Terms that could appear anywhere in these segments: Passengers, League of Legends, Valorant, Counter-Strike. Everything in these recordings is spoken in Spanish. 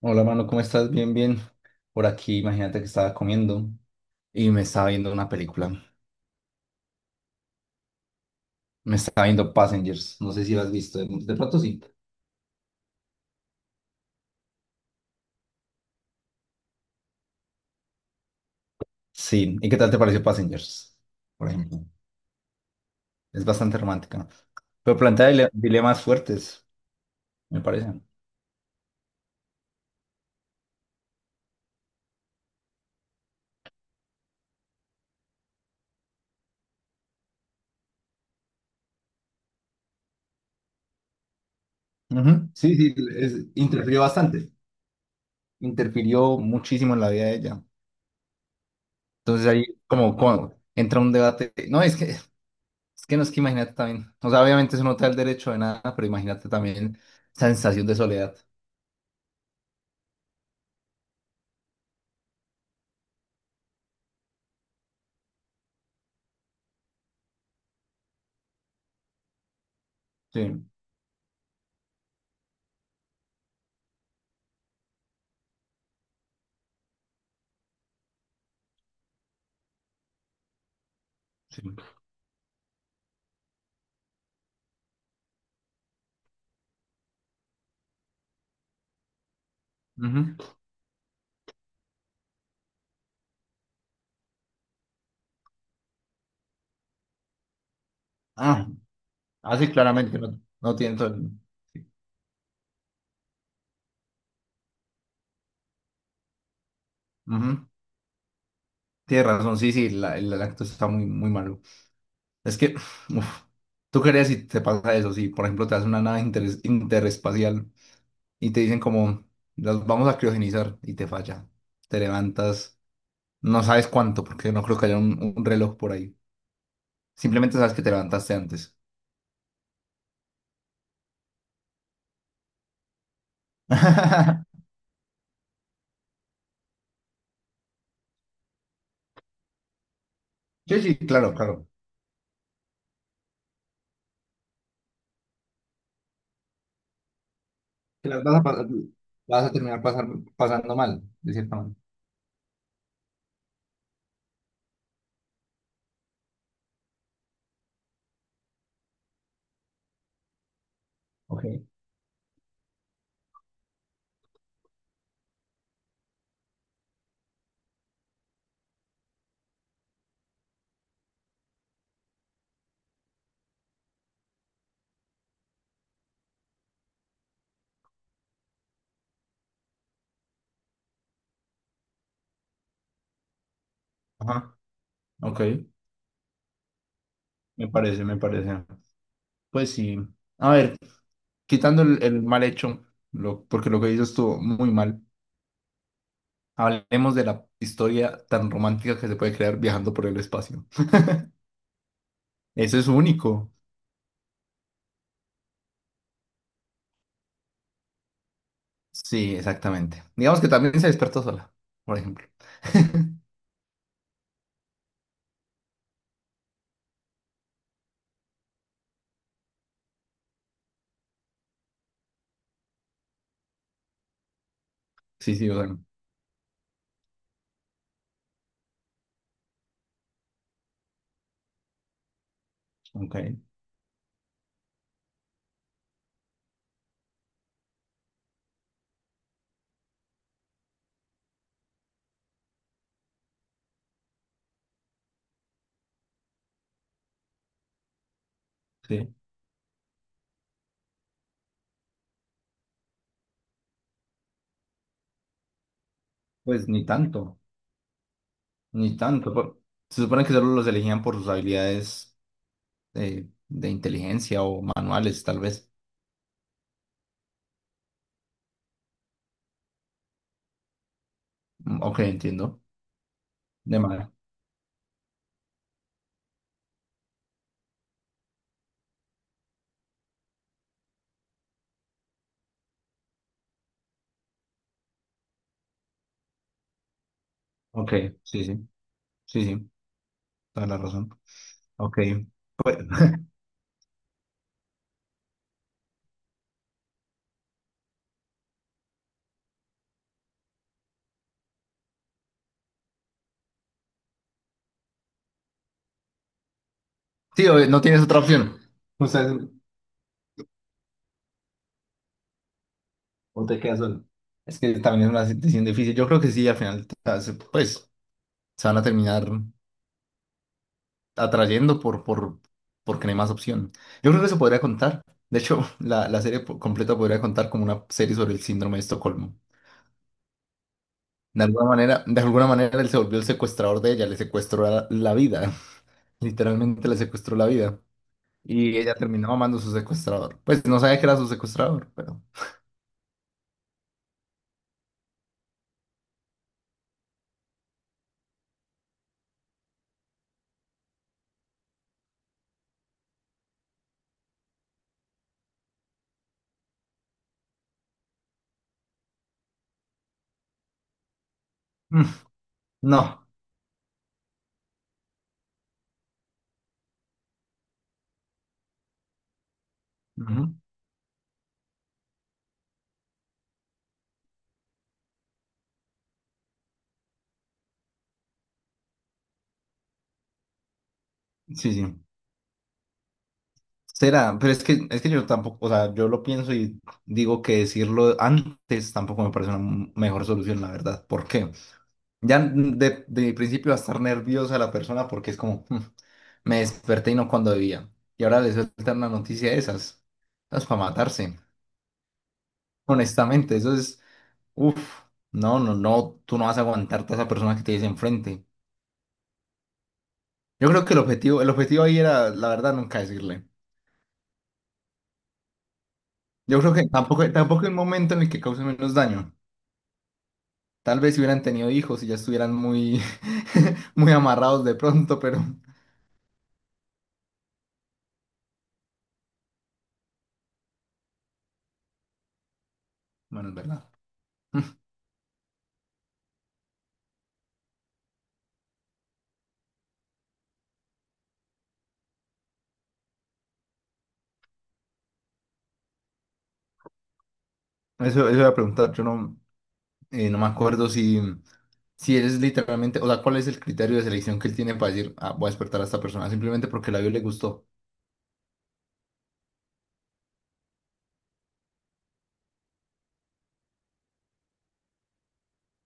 Hola, mano, ¿cómo estás? Bien, bien. Por aquí, imagínate que estaba comiendo y me estaba viendo una película. Me estaba viendo Passengers. No sé si lo has visto. De pronto sí. Sí. ¿Y qué tal te pareció Passengers? Por ejemplo. Es bastante romántica. Pero plantea dilemas fuertes, me parece. Ujú. Sí, sí, interfirió bastante. Interfirió muchísimo en la vida de ella. Entonces ahí como, como entra un debate. No, es que. Es que no es que imagínate también. O sea, obviamente eso no te da el derecho de nada, pero imagínate también esa sensación de soledad. Sí, sí. Ujú. Ah, ah, sí, claramente no, no tiene todo el-. Sí. Ujú. Tienes razón, sí, sí, el acto está muy, muy malo. Es que, uf, tú crees si te pasa eso, si por ejemplo te hace una nave interespacial y te dicen como, las vamos a criogenizar y te falla. Te levantas, no sabes cuánto, porque no creo que haya un reloj por ahí. Simplemente sabes que te levantaste antes. Sí, sí, claro, claro. Que las vas a pasar, vas a terminar pasar, pasando mal, de cierta manera. Ok. Ajá, ok. Me parece, me parece. Pues sí. A ver, quitando el mal hecho, porque lo que hizo estuvo muy mal. Hablemos de la historia tan romántica que se puede crear viajando por el espacio. Eso es único. Sí, exactamente. Digamos que también se despertó sola, por ejemplo. Sí, sí, bueno. Ok. Sí. Pues ni tanto. Ni tanto, se supone que solo los elegían por sus habilidades de inteligencia o manuales, tal vez. Mm, ok, entiendo. De manera. Ok, sí, sí. Sí, sí. Toda la razón. Ok. Sí, obvio, no tienes otra opción. O sea, o te quedas solo. Es que también es una situación difícil. Yo creo que sí, al final, pues, se van a terminar atrayendo porque no hay más opción. Yo creo que se podría contar. De hecho, la serie completa podría contar como una serie sobre el síndrome de Estocolmo. De alguna manera él se volvió el secuestrador de ella, le secuestró la vida, literalmente le secuestró la vida. Y ella terminó amando a su secuestrador. Pues no sabía que era su secuestrador, pero... Mm, no. Ujú. Sí, sí. Será, pero es que yo tampoco, o sea, yo lo pienso y digo que decirlo antes tampoco me parece una mejor solución, la verdad. ¿Por qué? Ya de principio va a estar nerviosa la persona porque es como, "Mm, me desperté y no cuando debía. Y ahora le sueltan una noticia de esas. Es para matarse. Honestamente, eso es, uff, no, no, no, tú no vas a aguantarte a esa persona que te dice enfrente. Yo creo que el objetivo ahí era, la verdad, nunca decirle. Yo creo que tampoco, tampoco el momento en el que cause menos daño. Tal vez si hubieran tenido hijos y ya estuvieran muy, muy amarrados de pronto, pero bueno, es verdad. Eso iba a preguntar, yo no, no me acuerdo si, eres literalmente, o sea, cuál es el criterio de selección que él tiene para decir, ah, voy a despertar a esta persona, simplemente porque la vio y le gustó.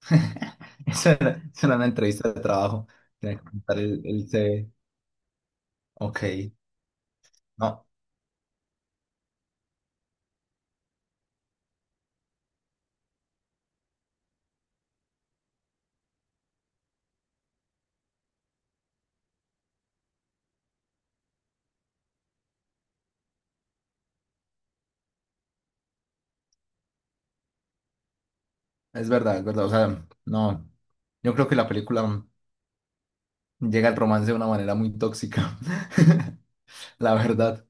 Eso era una entrevista de trabajo. Tenía que presentar el C CV. Ok, no, es verdad, o sea, no, yo creo que la película llega al romance de una manera muy tóxica, la verdad.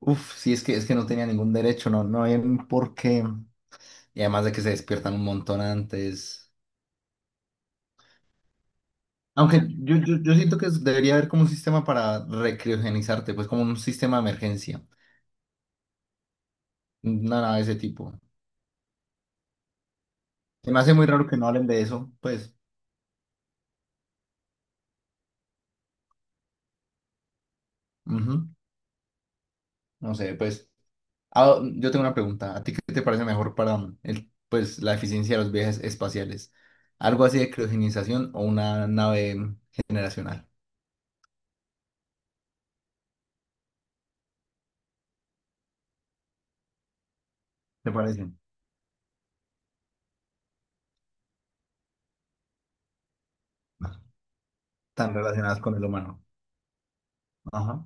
Uf, sí, es que no tenía ningún derecho, no, no hay por qué. Y además de que se despiertan un montón antes. Aunque yo siento que debería haber como un sistema para recriogenizarte, pues como un sistema de emergencia. Una nave de ese tipo. Se me hace muy raro que no hablen de eso, pues. Ujú. No sé, pues. Ah, yo tengo una pregunta. ¿A ti qué te parece mejor para el, pues, la eficiencia de los viajes espaciales? ¿Algo así de criogenización o una nave generacional? ¿Te parece tan relacionadas con el humano? Ajá.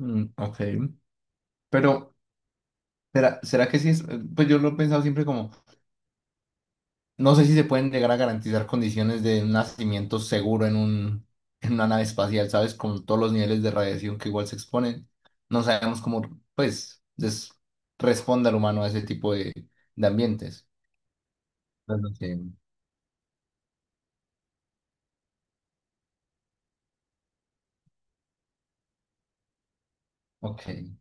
Mm, ok. Pero, ¿será, será que sí es? Pues yo lo he pensado siempre como, no sé si se pueden llegar a garantizar condiciones de un nacimiento seguro en en una nave espacial, ¿sabes? Con todos los niveles de radiación que igual se exponen. No sabemos cómo, pues, responde al humano a ese tipo de ambientes. Claro. Ok, ok,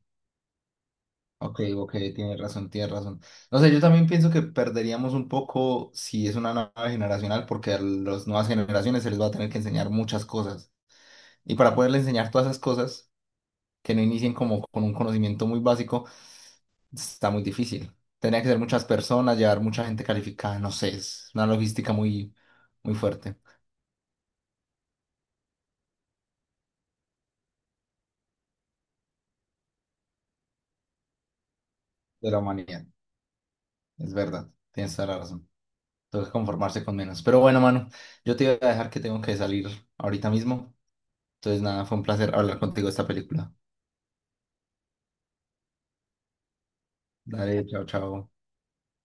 ok, ok, tienes razón, tienes razón. No sé, yo también pienso que perderíamos un poco si es una nave generacional, porque a las nuevas generaciones se les va a tener que enseñar muchas cosas. Y para poderle enseñar todas esas cosas que no inicien como con un conocimiento muy básico, está muy difícil. Tendría que ser muchas personas, llevar mucha gente calificada, no sé, es una logística muy, muy fuerte de la humanidad. Es verdad, tienes toda la razón. Tengo que conformarse con menos. Pero bueno, mano, yo te voy a dejar que tengo que salir ahorita mismo. Entonces, nada, fue un placer hablar contigo de esta película. Dale, chao, chao.